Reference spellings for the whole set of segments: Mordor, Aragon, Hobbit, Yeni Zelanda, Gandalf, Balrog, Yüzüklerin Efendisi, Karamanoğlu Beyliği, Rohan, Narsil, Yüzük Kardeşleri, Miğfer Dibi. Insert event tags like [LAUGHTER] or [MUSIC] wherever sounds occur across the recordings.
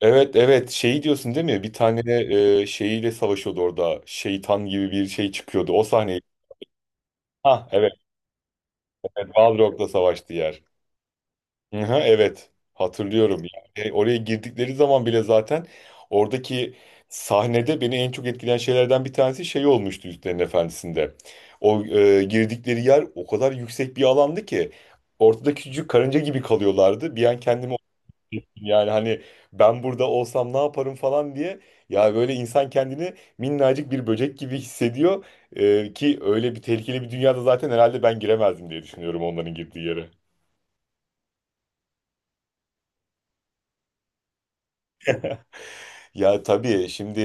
Evet, evet, şeyi diyorsun değil mi? Bir tane şeyiyle savaşıyordu orada. Şeytan gibi bir şey çıkıyordu. O sahneyi. Ha, evet. Evet, Balrog'la savaştı yer. Hı hı, evet. Hatırlıyorum. Yani oraya girdikleri zaman bile zaten oradaki sahnede beni en çok etkileyen şeylerden bir tanesi şey olmuştu Yüzüklerin Efendisi'nde. O girdikleri yer o kadar yüksek bir alandı ki ortada küçücük karınca gibi kalıyorlardı. Bir an kendimi. Yani, hani, ben burada olsam ne yaparım falan diye, ya, böyle insan kendini minnacık bir böcek gibi hissediyor. Ki öyle bir tehlikeli bir dünyada zaten herhalde ben giremezdim diye düşünüyorum onların girdiği yere. Ya tabii şimdi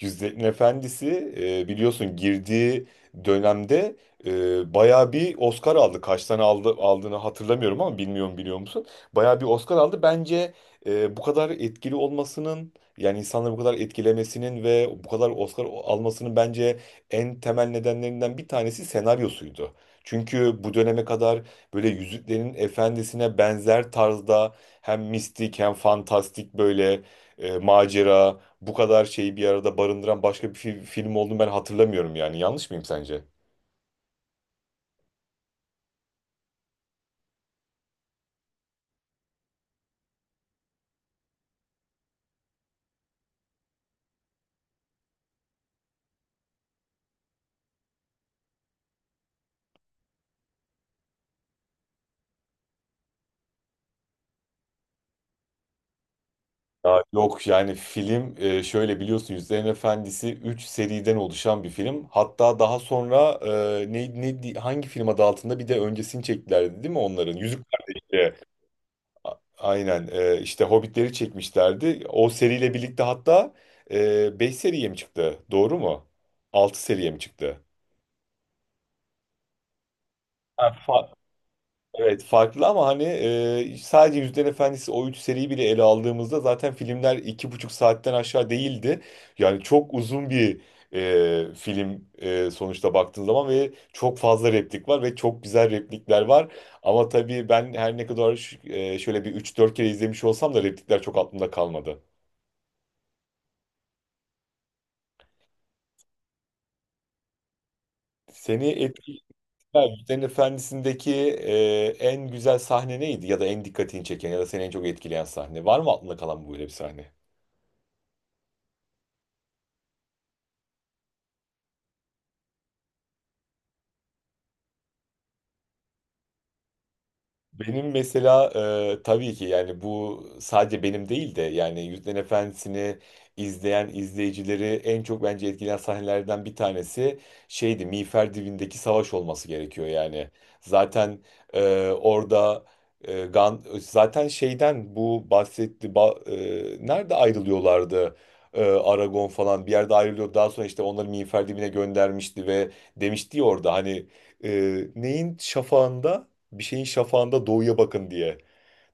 Yüzüklerin Efendisi biliyorsun girdiği dönemde bayağı bir Oscar aldı. Kaç tane aldı, aldığını hatırlamıyorum ama bilmiyorum, biliyor musun? Bayağı bir Oscar aldı. Bence bu kadar etkili olmasının, yani insanları bu kadar etkilemesinin ve bu kadar Oscar almasının bence en temel nedenlerinden bir tanesi senaryosuydu. Çünkü bu döneme kadar böyle Yüzüklerin Efendisi'ne benzer tarzda hem mistik hem fantastik böyle macera, bu kadar şeyi bir arada barındıran başka bir film olduğunu ben hatırlamıyorum yani. Yanlış mıyım sence? Ya yok yani film şöyle biliyorsun, Yüzüklerin Efendisi 3 seriden oluşan bir film. Hatta daha sonra e, ne, ne hangi film adı altında bir de öncesini çektilerdi değil mi onların? Yüzük Kardeşleri. Aynen, işte Hobbitleri çekmişlerdi. O seriyle birlikte hatta 5 seriye mi çıktı? Doğru mu? 6 seriye mi çıktı? Ha. Evet, farklı ama hani sadece Yüzüklerin Efendisi o üç seriyi bile ele aldığımızda zaten filmler 2,5 saatten aşağı değildi. Yani çok uzun bir film, sonuçta baktığın zaman ve çok fazla replik var ve çok güzel replikler var. Ama tabii ben her ne kadar şöyle bir üç dört kere izlemiş olsam da replikler çok aklımda kalmadı. Seni etkileyen Yüzüklerin Efendisi'ndeki en güzel sahne neydi, ya da en dikkatini çeken ya da seni en çok etkileyen sahne? Var mı aklında kalan böyle bir sahne? Benim mesela tabii ki, yani bu sadece benim değil de yani Yüzüklerin Efendisi'ni izleyen izleyicileri en çok bence etkileyen sahnelerden bir tanesi şeydi, Miğfer Dibi'ndeki savaş olması gerekiyor yani. Zaten orada, e, Gan zaten şeyden bu bahsetti, nerede ayrılıyorlardı? Aragon falan bir yerde ayrılıyor. Daha sonra işte onları Miğfer Dibi'ne göndermişti ve demişti ya orada hani neyin şafağında, bir şeyin şafağında doğuya bakın diye.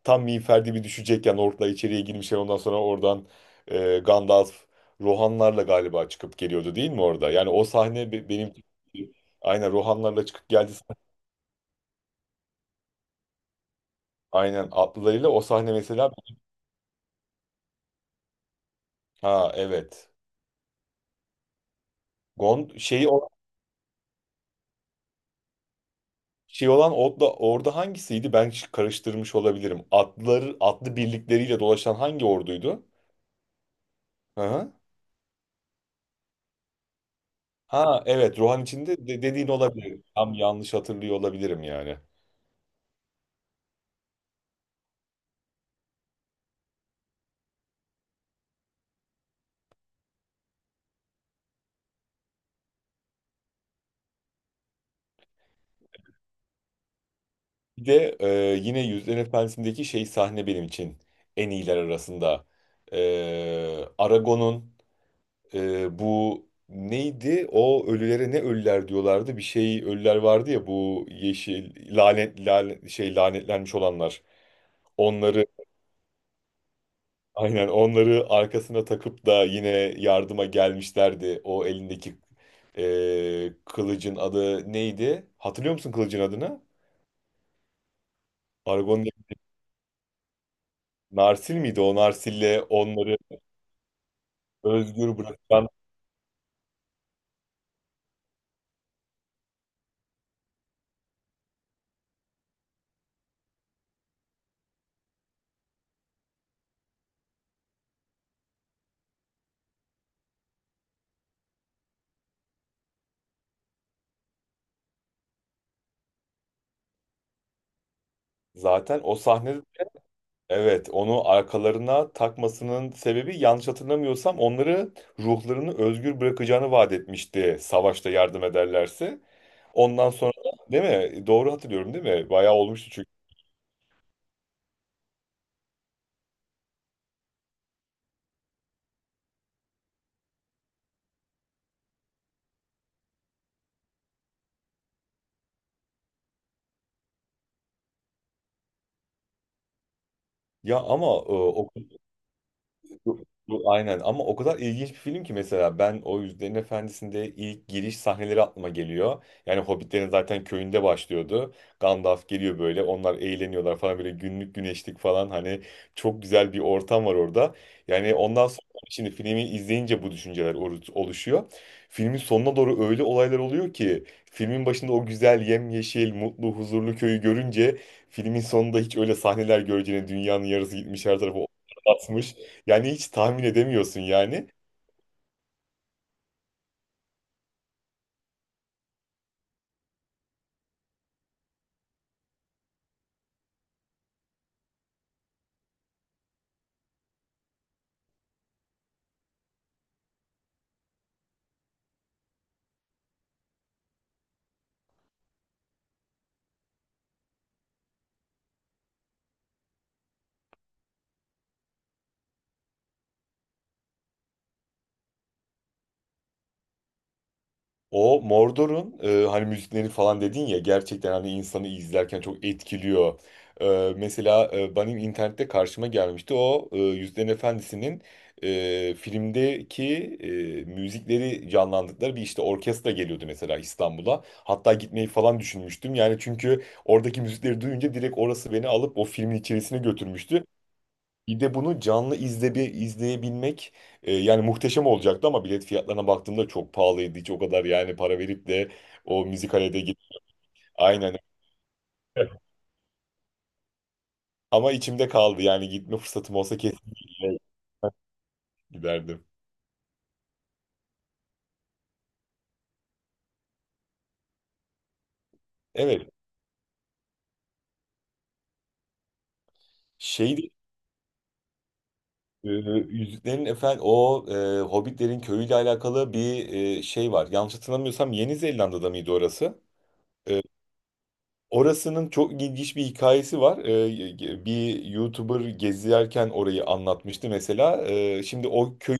Tam miğfer gibi düşecekken orklar içeriye girmişler, ondan sonra oradan Gandalf, Rohanlarla galiba çıkıp geliyordu değil mi orada? Yani o sahne benim [LAUGHS] aynen Rohanlarla çıkıp geldi. Aynen atlılarıyla o sahne mesela. Ha, evet. Gon şeyi o- şey olan orada hangisiydi? Ben karıştırmış olabilirim. Atlıları atlı birlikleriyle dolaşan hangi orduydu? Hı hı. Ha, evet, Rohan içinde dediğin olabilir. Tam yanlış hatırlıyor olabilirim yani. Bir de yine yüzlerin Efendisi'ndeki şey sahne benim için en iyiler arasında. E, Aragon'un bu neydi? O ölülere, ne ölüler diyorlardı? Bir şey ölüler vardı ya, bu yeşil lanet, lanet şey lanetlenmiş olanlar. Onları, aynen onları arkasına takıp da yine yardıma gelmişlerdi. O elindeki kılıcın adı neydi? Hatırlıyor musun kılıcın adını? Aragon Narsil miydi? O Narsil'le onları özgür bırakan, zaten o sahnede, evet, onu arkalarına takmasının sebebi yanlış hatırlamıyorsam onları, ruhlarını özgür bırakacağını vaat etmişti savaşta yardım ederlerse. Ondan sonra değil mi? Doğru hatırlıyorum değil mi? Bayağı olmuştu çünkü. Ya ama Bu aynen, ama o kadar ilginç bir film ki mesela ben o Yüzüklerin Efendisi'nde ilk giriş sahneleri aklıma geliyor. Yani Hobbitlerin zaten köyünde başlıyordu. Gandalf geliyor böyle, onlar eğleniyorlar falan, böyle günlük güneşlik falan, hani çok güzel bir ortam var orada. Yani ondan sonra şimdi filmi izleyince bu düşünceler oluşuyor. Filmin sonuna doğru öyle olaylar oluyor ki filmin başında o güzel, yemyeşil, mutlu, huzurlu köyü görünce filmin sonunda hiç öyle sahneler göreceğine dünyanın yarısı gitmiş, her tarafı atmış. Yani hiç tahmin edemiyorsun yani. O Mordor'un hani müzikleri falan dedin ya, gerçekten hani insanı izlerken çok etkiliyor. Mesela benim internette karşıma gelmişti o Yüzüklerin Efendisi'nin filmdeki müzikleri canlandırdıkları bir, işte, orkestra geliyordu mesela İstanbul'a. Hatta gitmeyi falan düşünmüştüm yani, çünkü oradaki müzikleri duyunca direkt orası beni alıp o filmin içerisine götürmüştü. Bir de bunu canlı izle, bir izleyebilmek yani muhteşem olacaktı ama bilet fiyatlarına baktığımda çok pahalıydı. Hiç o kadar yani para verip de o müzikalede git. Aynen. [LAUGHS] Ama içimde kaldı yani, gitme fırsatım olsa kesinlikle [LAUGHS] giderdim. Evet. Şey de, e, Yüzüklerin Efendi o, Hobbitlerin köyüyle alakalı bir şey var. Yanlış hatırlamıyorsam Yeni Zelanda'da mıydı orası? E, Orasının çok ilginç bir hikayesi var. Bir YouTuber gezerken orayı anlatmıştı mesela. Şimdi o köyü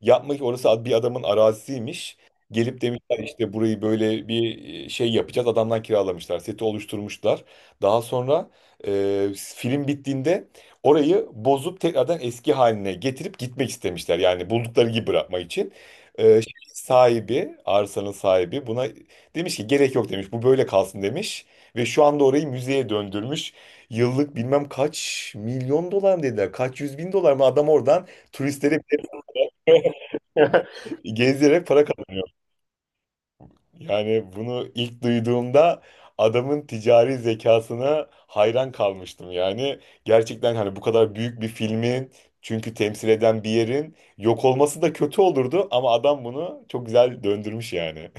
yapmak, orası bir adamın arazisiymiş. Gelip demişler, işte burayı böyle bir şey yapacağız. Adamdan kiralamışlar. Seti oluşturmuşlar. Daha sonra e, film bittiğinde orayı bozup tekrardan eski haline getirip gitmek istemişler. Yani buldukları gibi bırakmak için. Şey, sahibi, arsanın sahibi buna demiş ki gerek yok demiş. Bu böyle kalsın demiş. Ve şu anda orayı müzeye döndürmüş. Yıllık bilmem kaç milyon dolar mı dediler, kaç yüz bin dolar mı, adam oradan turistlere bile gezdirerek para kazanıyor. Yani bunu ilk duyduğumda adamın ticari zekasına hayran kalmıştım. Yani gerçekten hani bu kadar büyük bir filmin, çünkü temsil eden bir yerin yok olması da kötü olurdu ama adam bunu çok güzel döndürmüş yani.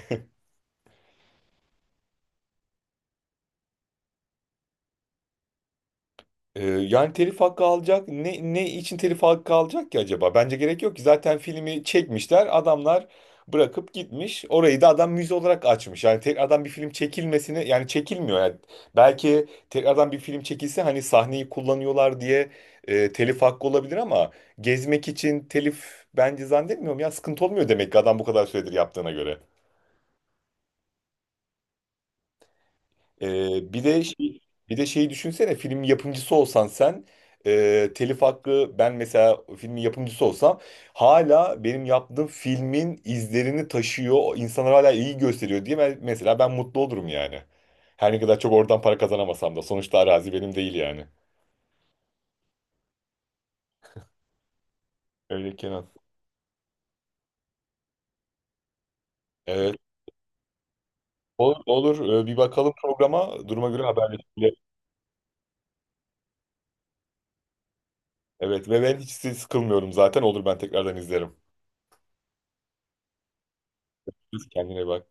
Yani telif hakkı alacak. Ne için telif hakkı alacak ki acaba? Bence gerek yok ki. Zaten filmi çekmişler. Adamlar bırakıp gitmiş. Orayı da adam müze olarak açmış. Yani tekrardan bir film çekilmesini, yani çekilmiyor. Yani belki tekrardan bir film çekilse hani sahneyi kullanıyorlar diye telif hakkı olabilir ama gezmek için telif bence zannetmiyorum ya, sıkıntı olmuyor demek ki adam bu kadar süredir yaptığına göre. Ee, bir de şey, bir de şeyi düşünsene, film yapımcısı olsan sen, telif hakkı, ben mesela filmin yapımcısı olsam hala benim yaptığım filmin izlerini taşıyor, insanlar hala iyi gösteriyor diye mesela ben mutlu olurum yani. Her ne kadar çok oradan para kazanamasam da sonuçta arazi benim değil yani. Öyle Kenan. Evet. Olur, olur. Bir bakalım programa. Duruma göre haberleşelim. Evet, ve ben hiç sıkılmıyorum zaten. Olur, ben tekrardan izlerim. Kendine bak.